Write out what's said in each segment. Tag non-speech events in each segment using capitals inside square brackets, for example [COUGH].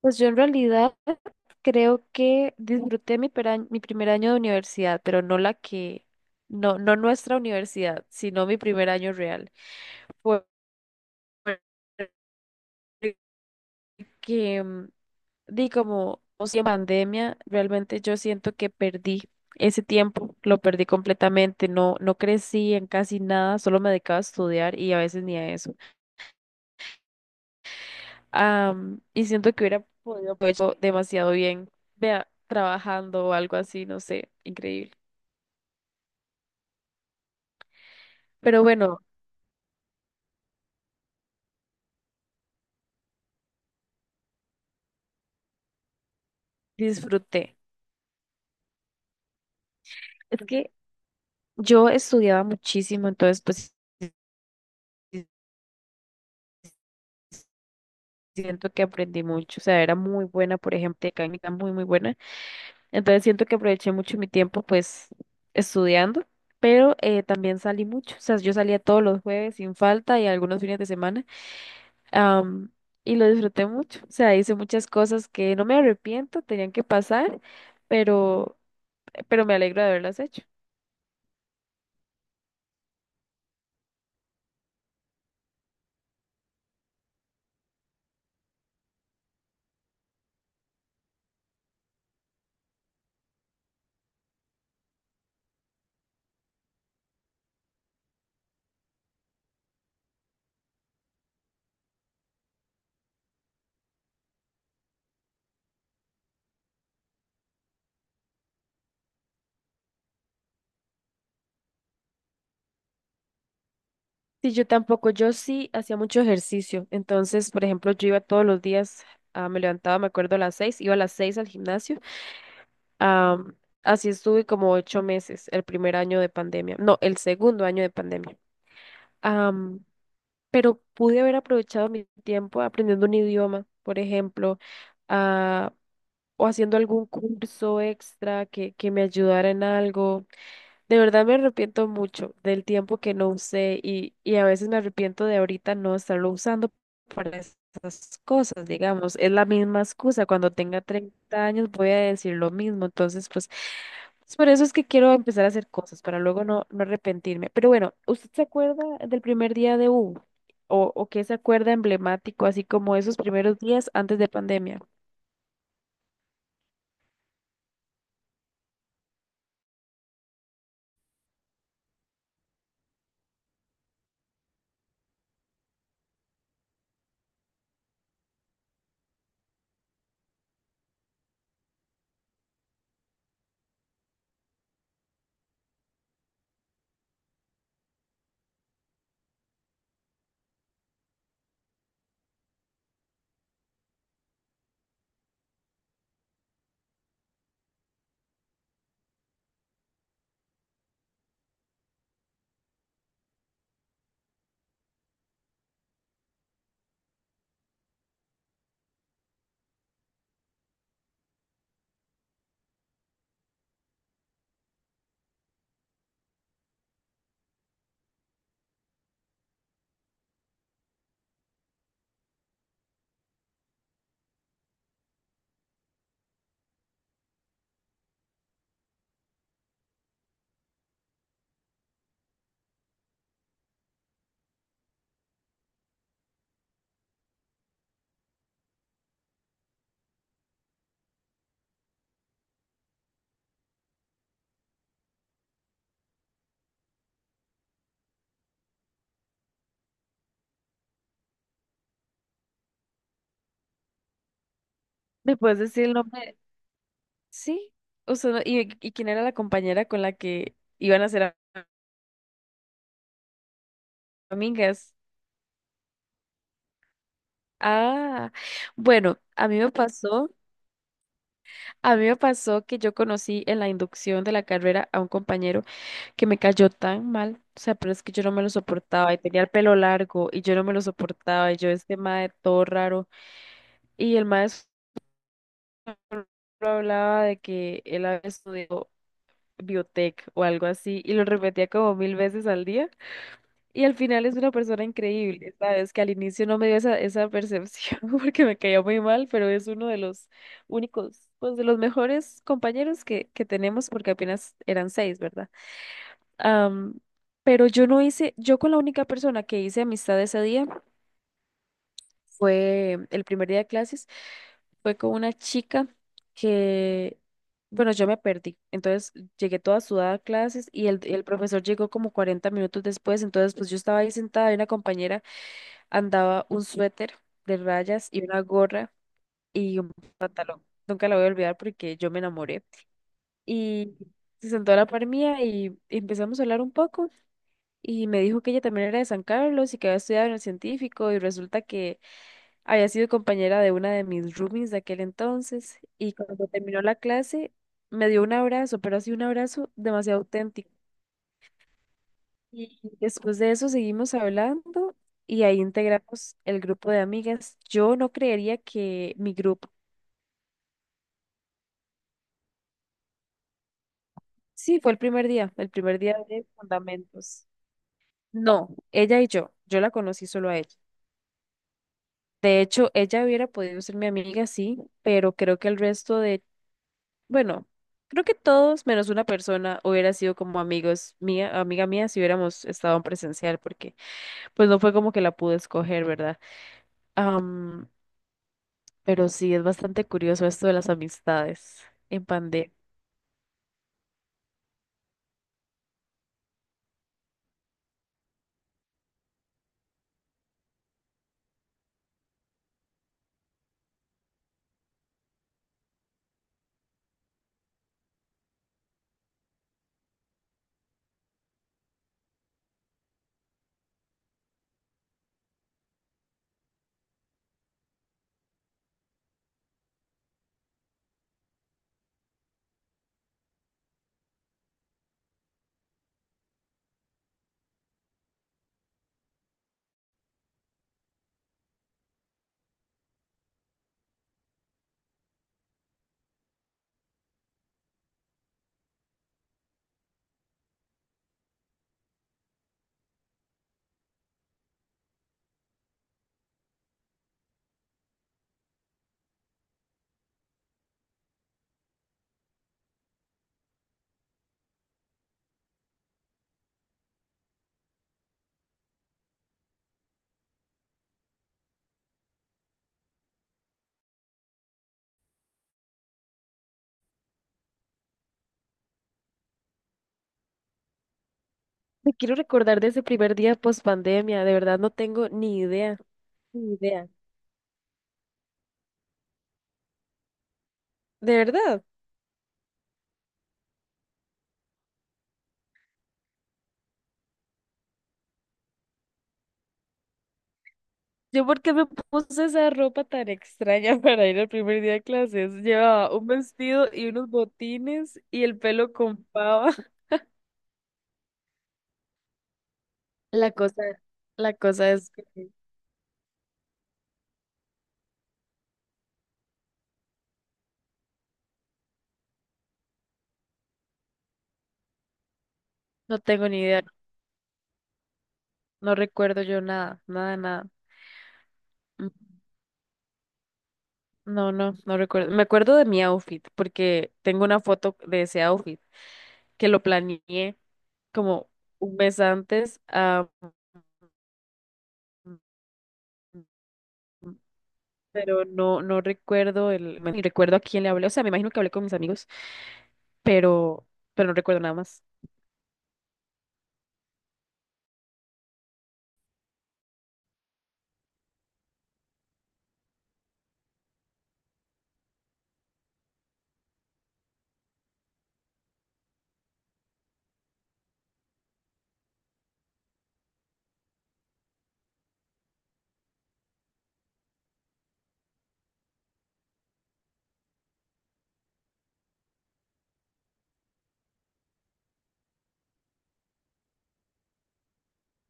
Pues yo en realidad creo que disfruté mi primer año de universidad, pero no la que, no, no nuestra universidad, sino mi primer año real. Fue que, o sea, pandemia, realmente yo siento que perdí ese tiempo, lo perdí completamente, no crecí en casi nada, solo me dedicaba a estudiar y a veces ni a eso. Y siento que hubiera podido haber hecho demasiado bien, vea, trabajando o algo así, no sé, increíble. Pero bueno, disfruté. Es que yo estudiaba muchísimo, entonces pues sí, siento que aprendí mucho. O sea, era muy buena, por ejemplo, mecánica muy, muy buena. Entonces siento que aproveché mucho mi tiempo pues estudiando, pero también salí mucho. O sea, yo salía todos los jueves sin falta y algunos fines de semana. am, y lo disfruté mucho. O sea, hice muchas cosas que no me arrepiento, tenían que pasar, pero, pero me alegro de haberlas hecho. Sí, yo tampoco, yo sí hacía mucho ejercicio. Entonces, por ejemplo, yo iba todos los días, me levantaba, me acuerdo, a las 6, iba a las 6 al gimnasio. Ah, así estuve como 8 meses, el primer año de pandemia, no, el segundo año de pandemia. Ah, pero pude haber aprovechado mi tiempo aprendiendo un idioma, por ejemplo, ah, o haciendo algún curso extra que me ayudara en algo. De verdad me arrepiento mucho del tiempo que no usé y a veces me arrepiento de ahorita no estarlo usando para esas cosas, digamos. Es la misma excusa. Cuando tenga 30 años voy a decir lo mismo. Entonces, pues, es por eso es que quiero empezar a hacer cosas para luego no arrepentirme. Pero bueno, ¿usted se acuerda del primer día de U? ¿O qué se acuerda emblemático, así como esos primeros días antes de pandemia? ¿Me puedes decir el nombre? Sí. O sea, ¿y quién era la compañera con la que iban a hacer? Amigas. Ah, bueno, a mí me pasó que yo conocí en la inducción de la carrera a un compañero que me cayó tan mal, o sea, pero es que yo no me lo soportaba y tenía el pelo largo y yo no me lo soportaba y yo este mae todo raro y el maestro hablaba de que él había estudiado biotech o algo así y lo repetía como mil veces al día. Y al final es una persona increíble, ¿sabes? Que al inicio no me dio esa percepción [LAUGHS] porque me caía muy mal, pero es uno de los únicos, pues de los mejores compañeros que tenemos porque apenas eran seis, ¿verdad? Am, pero yo no hice, yo con la única persona que hice amistad ese día fue el primer día de clases, fue con una chica que, bueno, yo me perdí. Entonces llegué toda sudada a clases y el profesor llegó como 40 minutos después, entonces pues yo estaba ahí sentada y una compañera andaba un suéter de rayas y una gorra y un pantalón. Nunca la voy a olvidar porque yo me enamoré. Y se sentó a la par mía y empezamos a hablar un poco. Y me dijo que ella también era de San Carlos y que había estudiado en el científico. Y resulta que había sido compañera de una de mis roomies de aquel entonces. Y cuando terminó la clase, me dio un abrazo, pero así un abrazo demasiado auténtico. Y después de eso seguimos hablando y ahí integramos el grupo de amigas. Yo no creería que mi grupo, sí, fue el primer día de Fundamentos. No, ella y yo la conocí solo a ella. De hecho, ella hubiera podido ser mi amiga, sí, pero creo que el resto de, bueno, creo que todos menos una persona hubiera sido como amigos mía, amiga mía si hubiéramos estado en presencial, porque pues no fue como que la pude escoger, ¿verdad? Pero sí, es bastante curioso esto de las amistades en pandemia. Me quiero recordar de ese primer día post pandemia. De verdad no tengo ni idea, ni idea. De verdad. ¿Yo por qué me puse esa ropa tan extraña [LAUGHS] para ir al primer día de clases? Llevaba un vestido y unos botines y el pelo con pava. [LAUGHS] La cosa, la cosa es que no tengo ni idea. No recuerdo yo nada, nada, nada. Mm. No, no, no recuerdo. Me acuerdo de mi outfit porque tengo una foto de ese outfit que lo planeé como un mes antes, pero no, no recuerdo ni recuerdo a quién le hablé. O sea, me imagino que hablé con mis amigos, pero, pero no recuerdo nada más.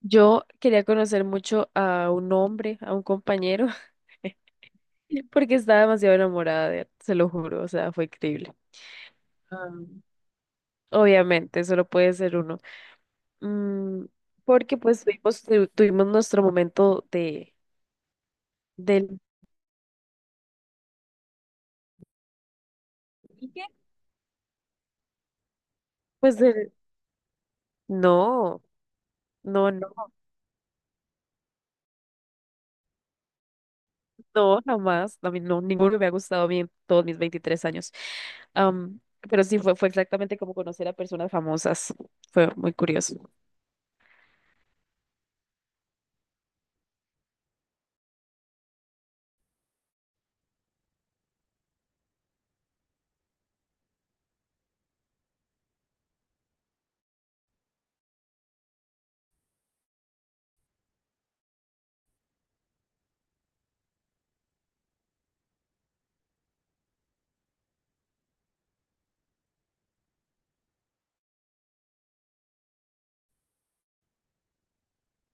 Yo quería conocer mucho a un hombre, a un compañero, [LAUGHS] porque estaba demasiado enamorada de él, se lo juro, o sea, fue increíble. Am, obviamente, solo puede ser uno. Mm, porque pues tuvimos, tuvimos nuestro momento de, del... ¿Y qué? Pues del... No. No, no, no, jamás. A mí no, ninguno me ha gustado a mí en todos mis 23 años. Am, pero sí, fue exactamente como conocer a personas famosas. Fue muy curioso.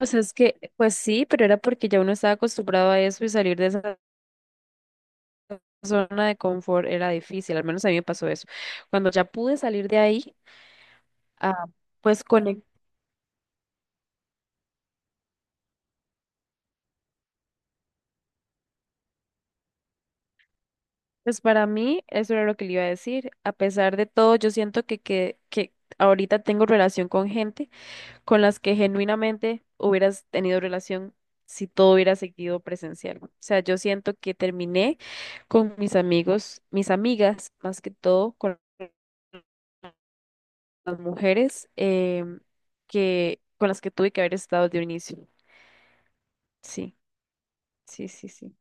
O sea, es que, pues sí, pero era porque ya uno estaba acostumbrado a eso y salir de esa zona de confort era difícil. Al menos a mí me pasó eso. Cuando ya pude salir de ahí, ah, pues conecté. Pues para mí, eso era lo que le iba a decir. A pesar de todo, yo siento que ahorita tengo relación con gente con las que genuinamente hubieras tenido relación si todo hubiera seguido presencial. O sea, yo siento que terminé con mis amigos, mis amigas, más que todo, con las mujeres em, con las que tuve que haber estado de un inicio. Sí, sí, sí, sí.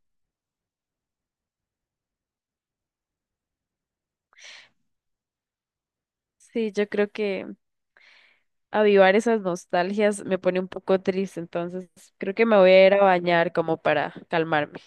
Sí, yo creo que avivar esas nostalgias me pone un poco triste, entonces creo que me voy a ir a bañar como para calmarme.